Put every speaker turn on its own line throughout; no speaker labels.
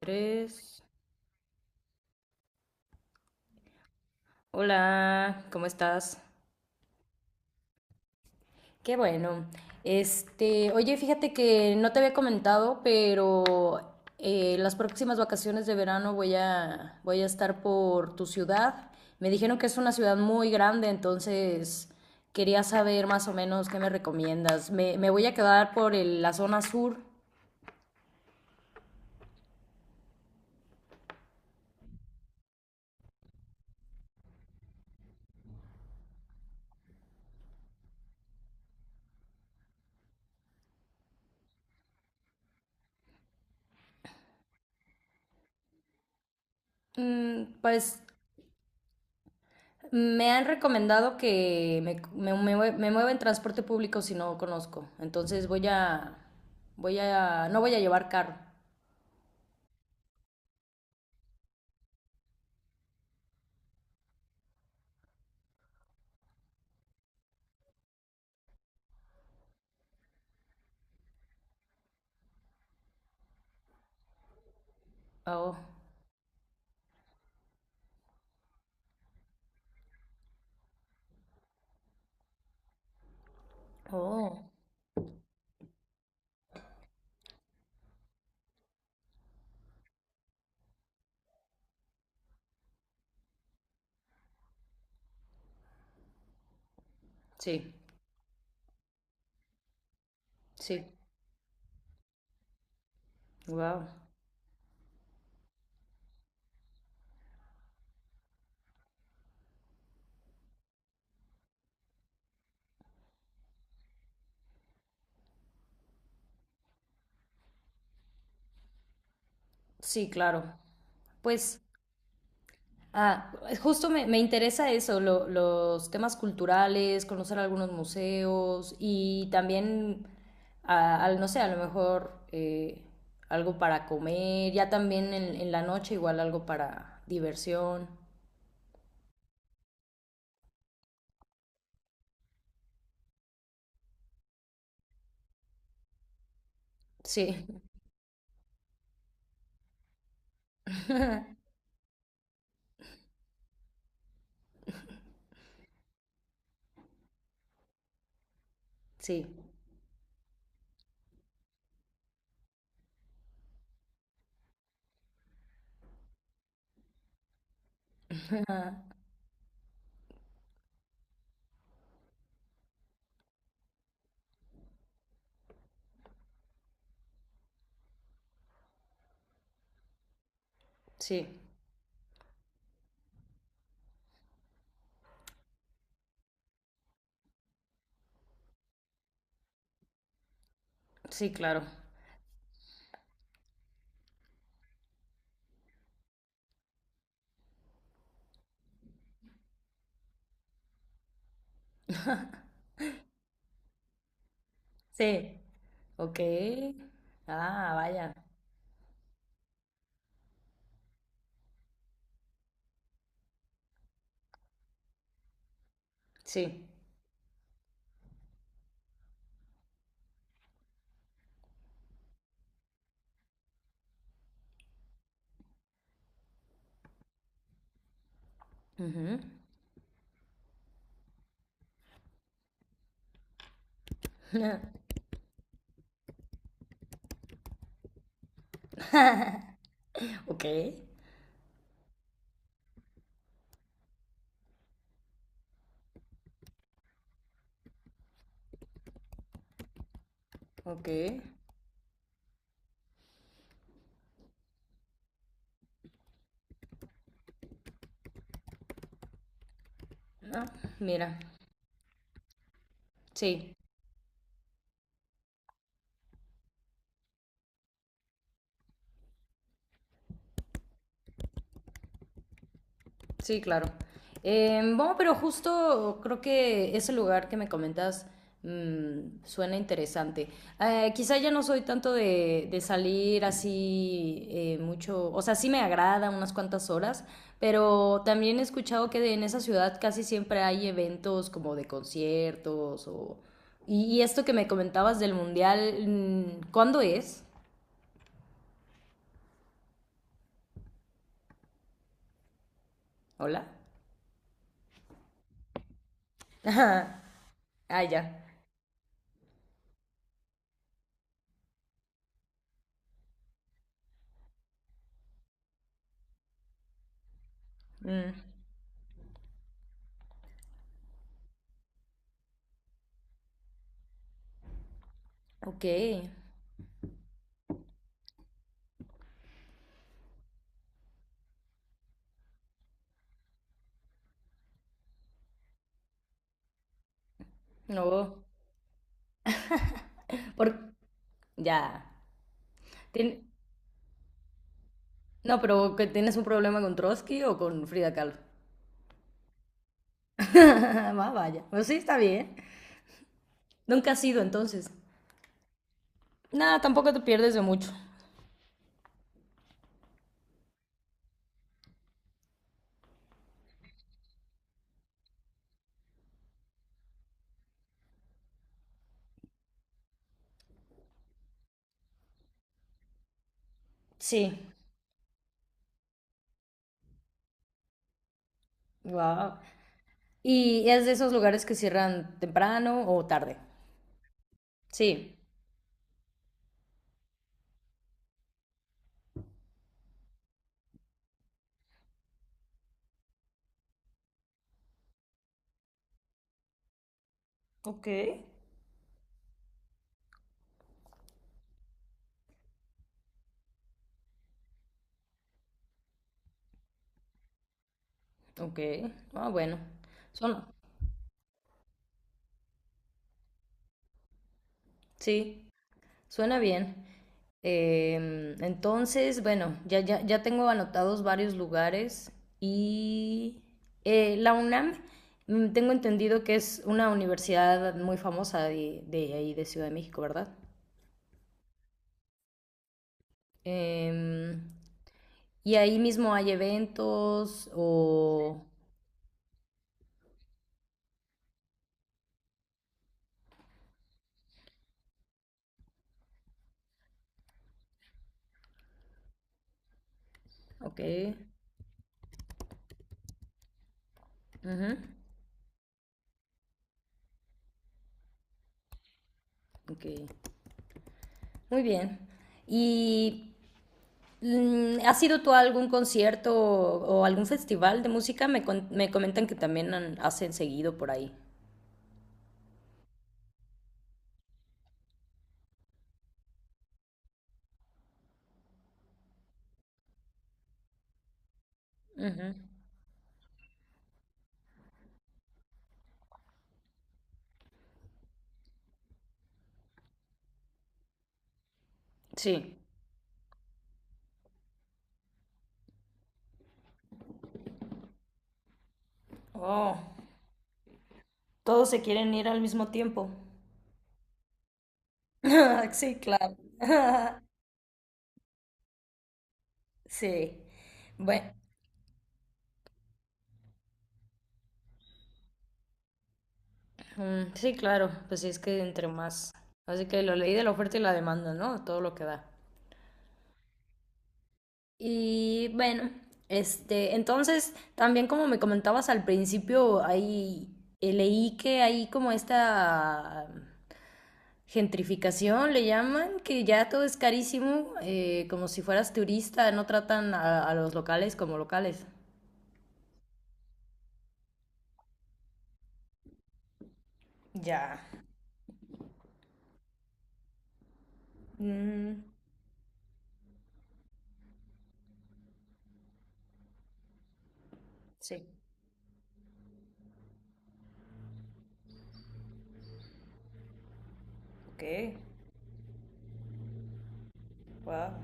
Tres. Hola, ¿cómo estás? Qué bueno. Oye, fíjate que no te había comentado, pero las próximas vacaciones de verano voy a estar por tu ciudad. Me dijeron que es una ciudad muy grande, entonces quería saber más o menos qué me recomiendas. Me voy a quedar por la zona sur. Mm, pues me han recomendado que me mueva en transporte público si no conozco. Entonces voy a, no voy a llevar carro. Oh, oh, sí, sí, wow, sí, claro. Pues ah, justo me interesa eso, los temas culturales, conocer algunos museos y también, no sé, a lo mejor algo para comer, ya también en la noche igual algo para diversión. Sí, sí, sí, sí, claro. Sí, ok. Ah, vaya. Sí. Ujú. Ok, ok. Ah, mira, sí. Sí, claro. Bueno, pero justo creo que ese lugar que me comentas mm, suena interesante. Quizá ya no soy tanto de salir así mucho, o sea, sí me agrada unas cuantas horas, pero también he escuchado que en esa ciudad casi siempre hay eventos como de conciertos o... y esto que me comentabas del mundial, mm, ¿cuándo es? Hola. Ah, ya. Mm, ok. No. Por- Ya. Tien- No, pero que tienes un problema con Trotsky o con Frida Kahlo. Más vaya. Pues sí, está bien. Nunca has ido entonces. Nada, tampoco te pierdes de mucho. Sí. Wow. ¿Y es de esos lugares que cierran temprano o tarde? Sí. Ok. Ok. Ah, bueno. Son... Sí. Suena bien. Em, entonces, bueno, ya tengo anotados varios lugares y la UNAM, mm, tengo entendido que es una universidad muy famosa de ahí, de Ciudad de México, ¿verdad? Em, y ahí mismo hay eventos o... Ok. Ujú, ok. Muy bien. Y mm, ¿has ido tú a algún concierto o algún festival de música? Me comentan que también hacen seguido por ahí. Ujú. Sí. Oh, todos se quieren ir al mismo tiempo. Sí, claro. Sí. Bueno, mm, sí, claro. Pues sí, es que entre más. Así que lo leí de la oferta y la demanda, ¿no? Todo lo que da. Y bueno, este, entonces también como me comentabas al principio, ahí leí que hay como esta gentrificación, le llaman, que ya todo es carísimo, como si fueras turista, no tratan a los locales como locales. Ya. Mm, sí. Ok. Wow.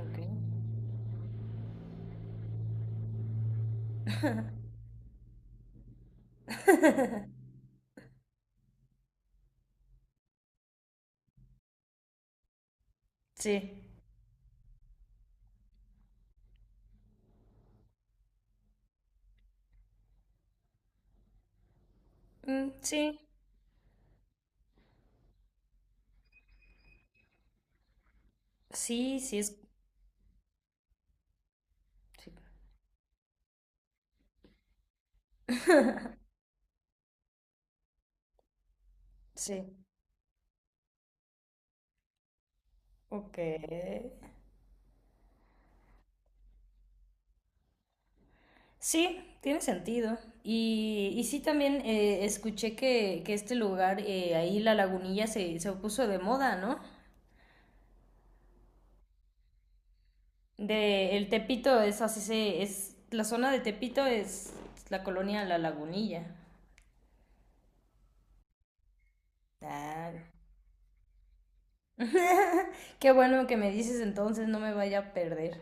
Ok. Sí. Mm, sí. Sí, sí es. Sí. Sí. Ok. Sí, tiene sentido. Y sí, también escuché que este lugar, ahí la lagunilla, se puso de moda, ¿no? De el Tepito es así, se, es la zona de Tepito es la colonia La Lagunilla. Claro. Qué bueno que me dices entonces, no me vaya a perder.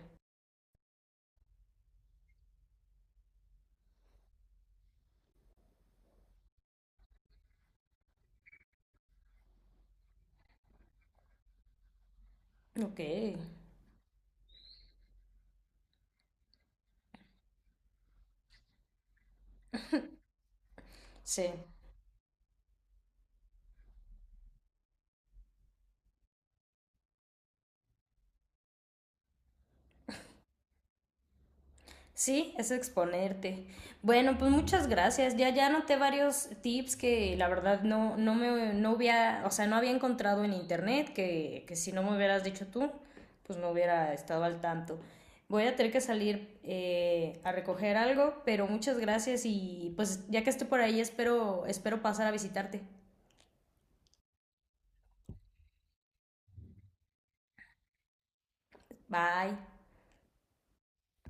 Ok, sí. Sí, es exponerte. Bueno, pues muchas gracias. Ya anoté varios tips que la verdad no me no había, o sea, no había encontrado en internet, que si no me hubieras dicho tú, pues no hubiera estado al tanto. Voy a tener que salir a recoger algo, pero muchas gracias y pues ya que esté por ahí espero pasar a visitarte. Bye.